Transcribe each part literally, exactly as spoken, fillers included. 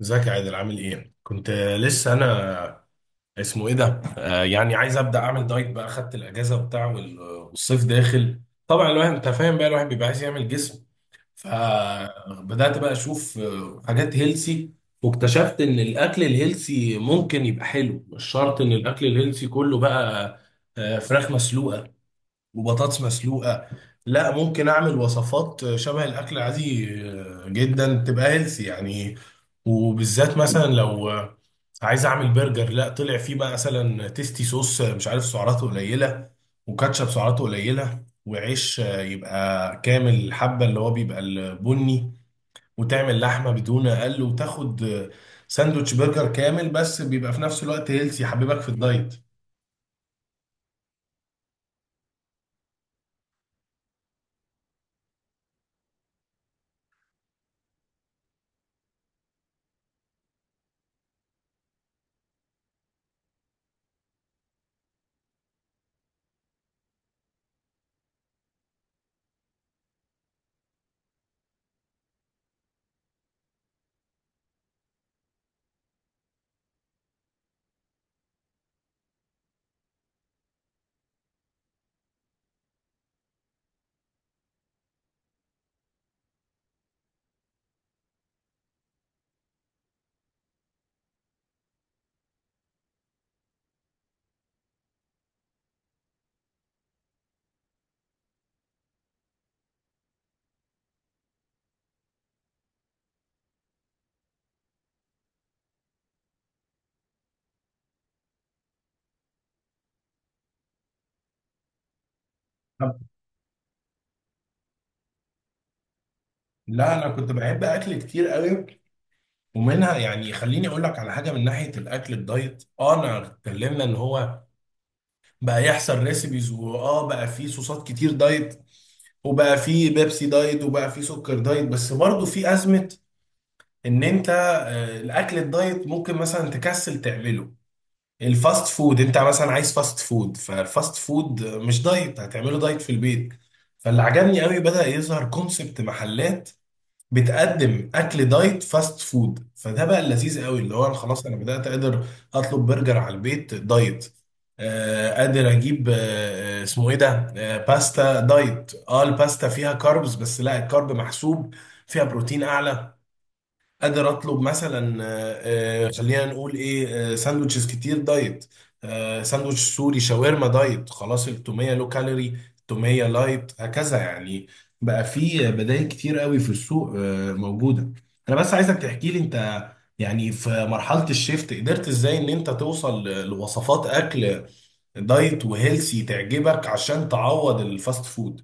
ازيك يا عادل؟ عامل ايه؟ كنت لسه انا اسمه ايه ده؟ آه يعني عايز ابدا اعمل دايت بقى. خدت الاجازه وبتاع، وال- والصيف داخل. طبعا الواحد انت فاهم بقى، الواحد بيبقى عايز يعمل جسم. فبدات بقى اشوف، آه، حاجات هيلسي. واكتشفت ان الاكل الهيلسي ممكن يبقى حلو، مش شرط ان الاكل الهيلسي كله بقى آه، فراخ مسلوقه وبطاطس مسلوقة. لا، ممكن اعمل وصفات شبه الاكل العادي جدا تبقى هيلثي يعني. وبالذات مثلا لو عايز اعمل برجر، لا، طلع فيه بقى مثلا تيستي صوص مش عارف سعراته قليلة، وكاتشب سعراته قليلة، وعيش يبقى كامل الحبة اللي هو بيبقى البني، وتعمل لحمة بدون اقل، وتاخد ساندوتش برجر كامل بس بيبقى في نفس الوقت هيلثي، يحببك في الدايت. لا، انا كنت بحب اكل كتير قوي. ومنها يعني خليني اقول لك على حاجه من ناحيه الاكل الدايت، اه، انا اتكلمنا ان هو بقى يحصل ريسيبيز، واه بقى في صوصات كتير دايت، وبقى في بيبسي دايت، وبقى في سكر دايت. بس برضه في ازمه ان انت آه، الاكل الدايت ممكن مثلا تكسل تعمله. الفاست فود انت مثلا عايز فاست فود، فالفاست فود مش دايت، هتعمله دايت في البيت. فاللي عجبني قوي بدأ يظهر كونسبت محلات بتقدم اكل دايت فاست فود. فده بقى اللذيذ قوي، اللي هو انا خلاص انا بدات قادر اطلب برجر على البيت دايت. آه، قادر اجيب آه آه، اسمه ايه ده، آه، باستا دايت. اه الباستا فيها كاربز بس لا، الكارب محسوب، فيها بروتين اعلى. قادر اطلب مثلا آه، آه، خلينا نقول ايه، آه، ساندوتشز كتير دايت. آه، ساندوتش، سوري، شاورما دايت خلاص، التوميه لو كالوري، التوميه لايت، هكذا يعني. بقى في بدائل كتير قوي في السوق، آه، موجوده. انا بس عايزك تحكي لي انت يعني في مرحله الشيفت قدرت ازاي ان انت توصل ل- لوصفات اكل دايت وهيلسي تعجبك عشان تعوض الفاست فود.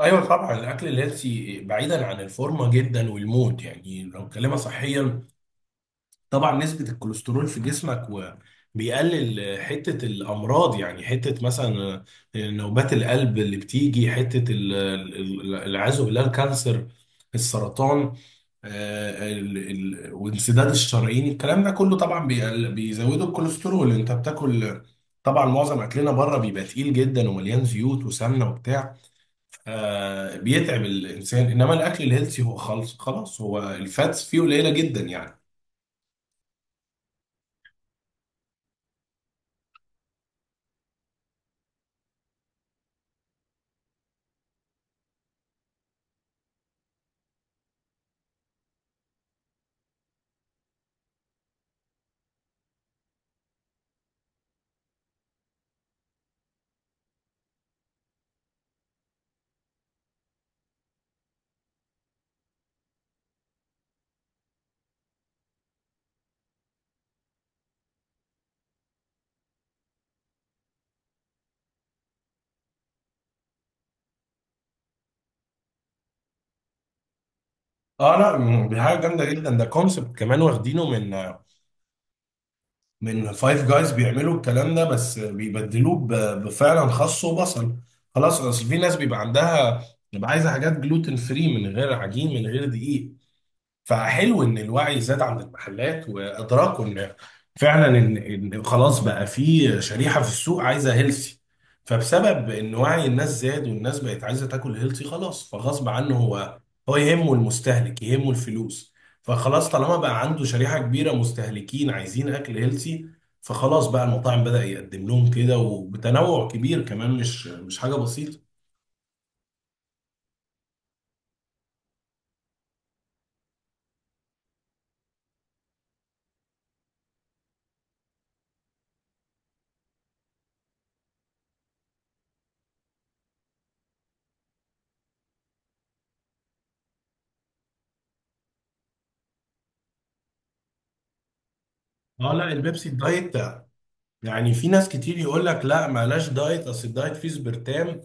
ايوه طبعا، الاكل الهيلثي بعيدا عن الفورمه جدا، والمود يعني لو كلمه صحيا، طبعا نسبة الكوليسترول في جسمك، وبيقلل حتة الأمراض. يعني حتة مثلا نوبات القلب اللي بتيجي، حتة ال- ال- العياذ بالله الكانسر، السرطان، آه، ال- ال- وانسداد الشرايين. الكلام ده كله طبعا بيقل- بيزودوا الكوليسترول انت بتاكل. طبعا معظم اكلنا بره بيبقى تقيل جدا، ومليان زيوت وسمنه وبتاع، آه، بيتعب الانسان. انما الاكل الهيلثي هو خالص خلاص هو الفاتس فيه قليله جدا يعني. اه لا، م- دي حاجه جامده جدا. ده كونسبت كمان واخدينه من من فايف جايز، بيعملوا الكلام ده بس بيبدلوه ب- بفعلا خس وبصل خلاص. اصل في ناس بيبقى عندها، بيبقى عايزه حاجات جلوتين فري، من غير عجين، من غير دقيق. فحلو ان الوعي زاد عند المحلات وادراكوا ان فعلا ان إن خلاص بقى في شريحه في السوق عايزه هيلثي. فبسبب ان وعي الناس زاد والناس بقت عايزه تاكل هيلثي خلاص، فغصب عنه هو، هو يهمه المستهلك يهمه الفلوس. فخلاص طالما بقى عنده شريحه كبيره مستهلكين عايزين اكل هيلثي، فخلاص بقى المطاعم بدأ يقدم لهم كده، وبتنوع كبير كمان، مش مش حاجه بسيطه. اه لا، البيبسي الدايت، يعني في ناس كتير يقول لك لا معلاش دايت، اصل الدايت فيه سبرتام،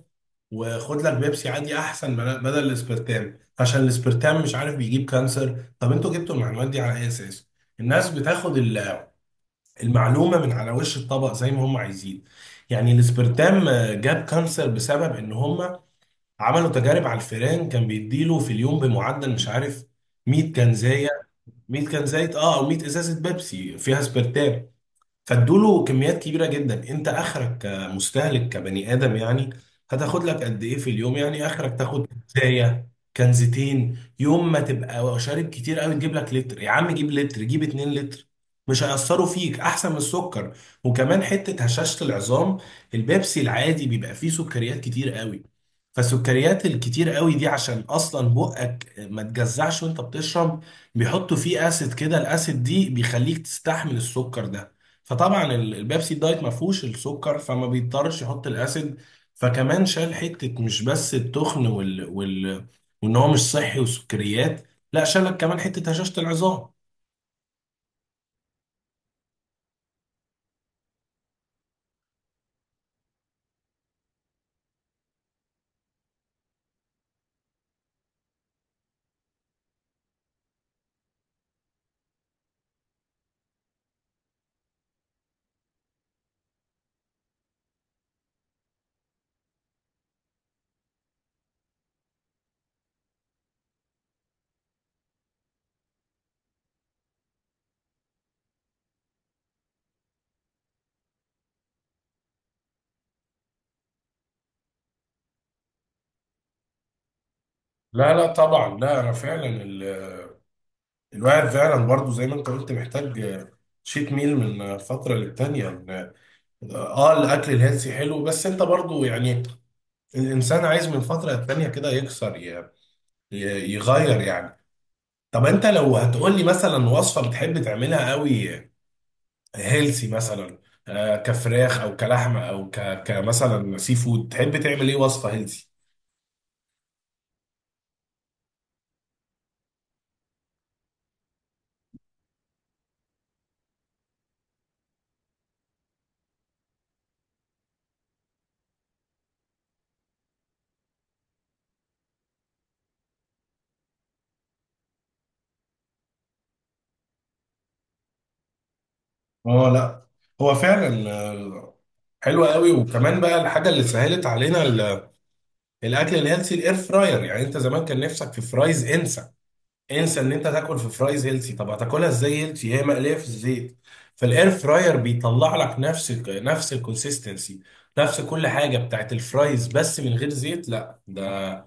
وخد لك بيبسي عادي احسن بلا- بدل الاسبرتام، عشان الاسبرتام مش عارف بيجيب كانسر. طب انتوا جبتوا المعلومات دي على اي اساس؟ الناس بتاخد ال- المعلومه من على وش الطبق زي ما هم عايزين. يعني الاسبرتام، آه، جاب كانسر بسبب ان هم عملوا تجارب على الفئران، كان بيديله في اليوم بمعدل مش عارف مية كنزايه. مية كنزايه اه، او مية ازازه بيبسي فيها اسبرتام. فادوله كميات كبيره جدا. انت اخرك كمستهلك كبني ادم يعني هتاخد لك قد ايه في اليوم؟ يعني اخرك تاخد كنزايه، كنزتين، يوم ما تبقى شارب كتير قوي تجيب لك لتر، يا عم جيب لتر، جيب اتنين لتر، مش هيأثروا فيك احسن من السكر. وكمان حته هشاشه العظام، البيبسي العادي بيبقى فيه سكريات كتير قوي. فالسكريات الكتير قوي دي عشان اصلا بقك ما تجزعش وانت بتشرب، بيحطوا فيه اسيد كده، الاسيد دي بيخليك تستحمل السكر ده. فطبعا ال- البيبسي الدايت ما فيهوش السكر، فما بيضطرش يحط الاسيد. فكمان شال حته مش بس التخن وال... وال... وان هو مش صحي وسكريات، لا، شالك كمان حته هشاشه العظام. لا لا طبعا، لا، انا فعلا ال... الواحد فعلا برضو زي ما انت قلت محتاج شيت ميل من فتره للتانيه إن- اه. آه، الاكل الهيلثي حلو، بس انت برضو يعني الانسان عايز من فتره للتانيه كده يكسر، ي... ي- يغير يعني. طب انت لو هتقول لي مثلا وصفه بتحب تعملها قوي هيلسي، مثلا آه، كفراخ او كلحمه او ك... كمثلا سي فود، تحب تعمل ايه وصفه هيلسي؟ اه لا، هو فعلا آه، حلوه قوي. وكمان بقى الحاجه اللي سهلت علينا ال- الاكل الهيلسي الاير فراير. يعني انت زمان كان نفسك في فرايز، انسى، انسى ان انت تاكل في فرايز هيلثي. طب هتاكلها ازاي هيلثي؟ هي مقليه في الزيت. فالاير فراير بيطلع لك نفس ال- نفس الكونسيستنسي، نفس كل حاجه بتاعت الفرايز بس من غير زيت. لا ده،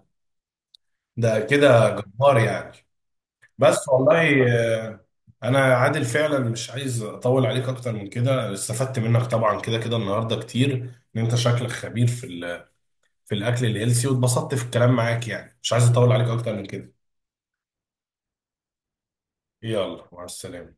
ده كده جبار يعني. بس والله آه، انا عادل فعلا مش عايز اطول عليك اكتر من كده. استفدت منك طبعا كده كده النهارده كتير، ان انت شكلك خبير في ال- في الاكل الهيلثي، واتبسطت في الكلام معاك يعني. مش عايز اطول عليك اكتر من كده. يلا مع السلامه.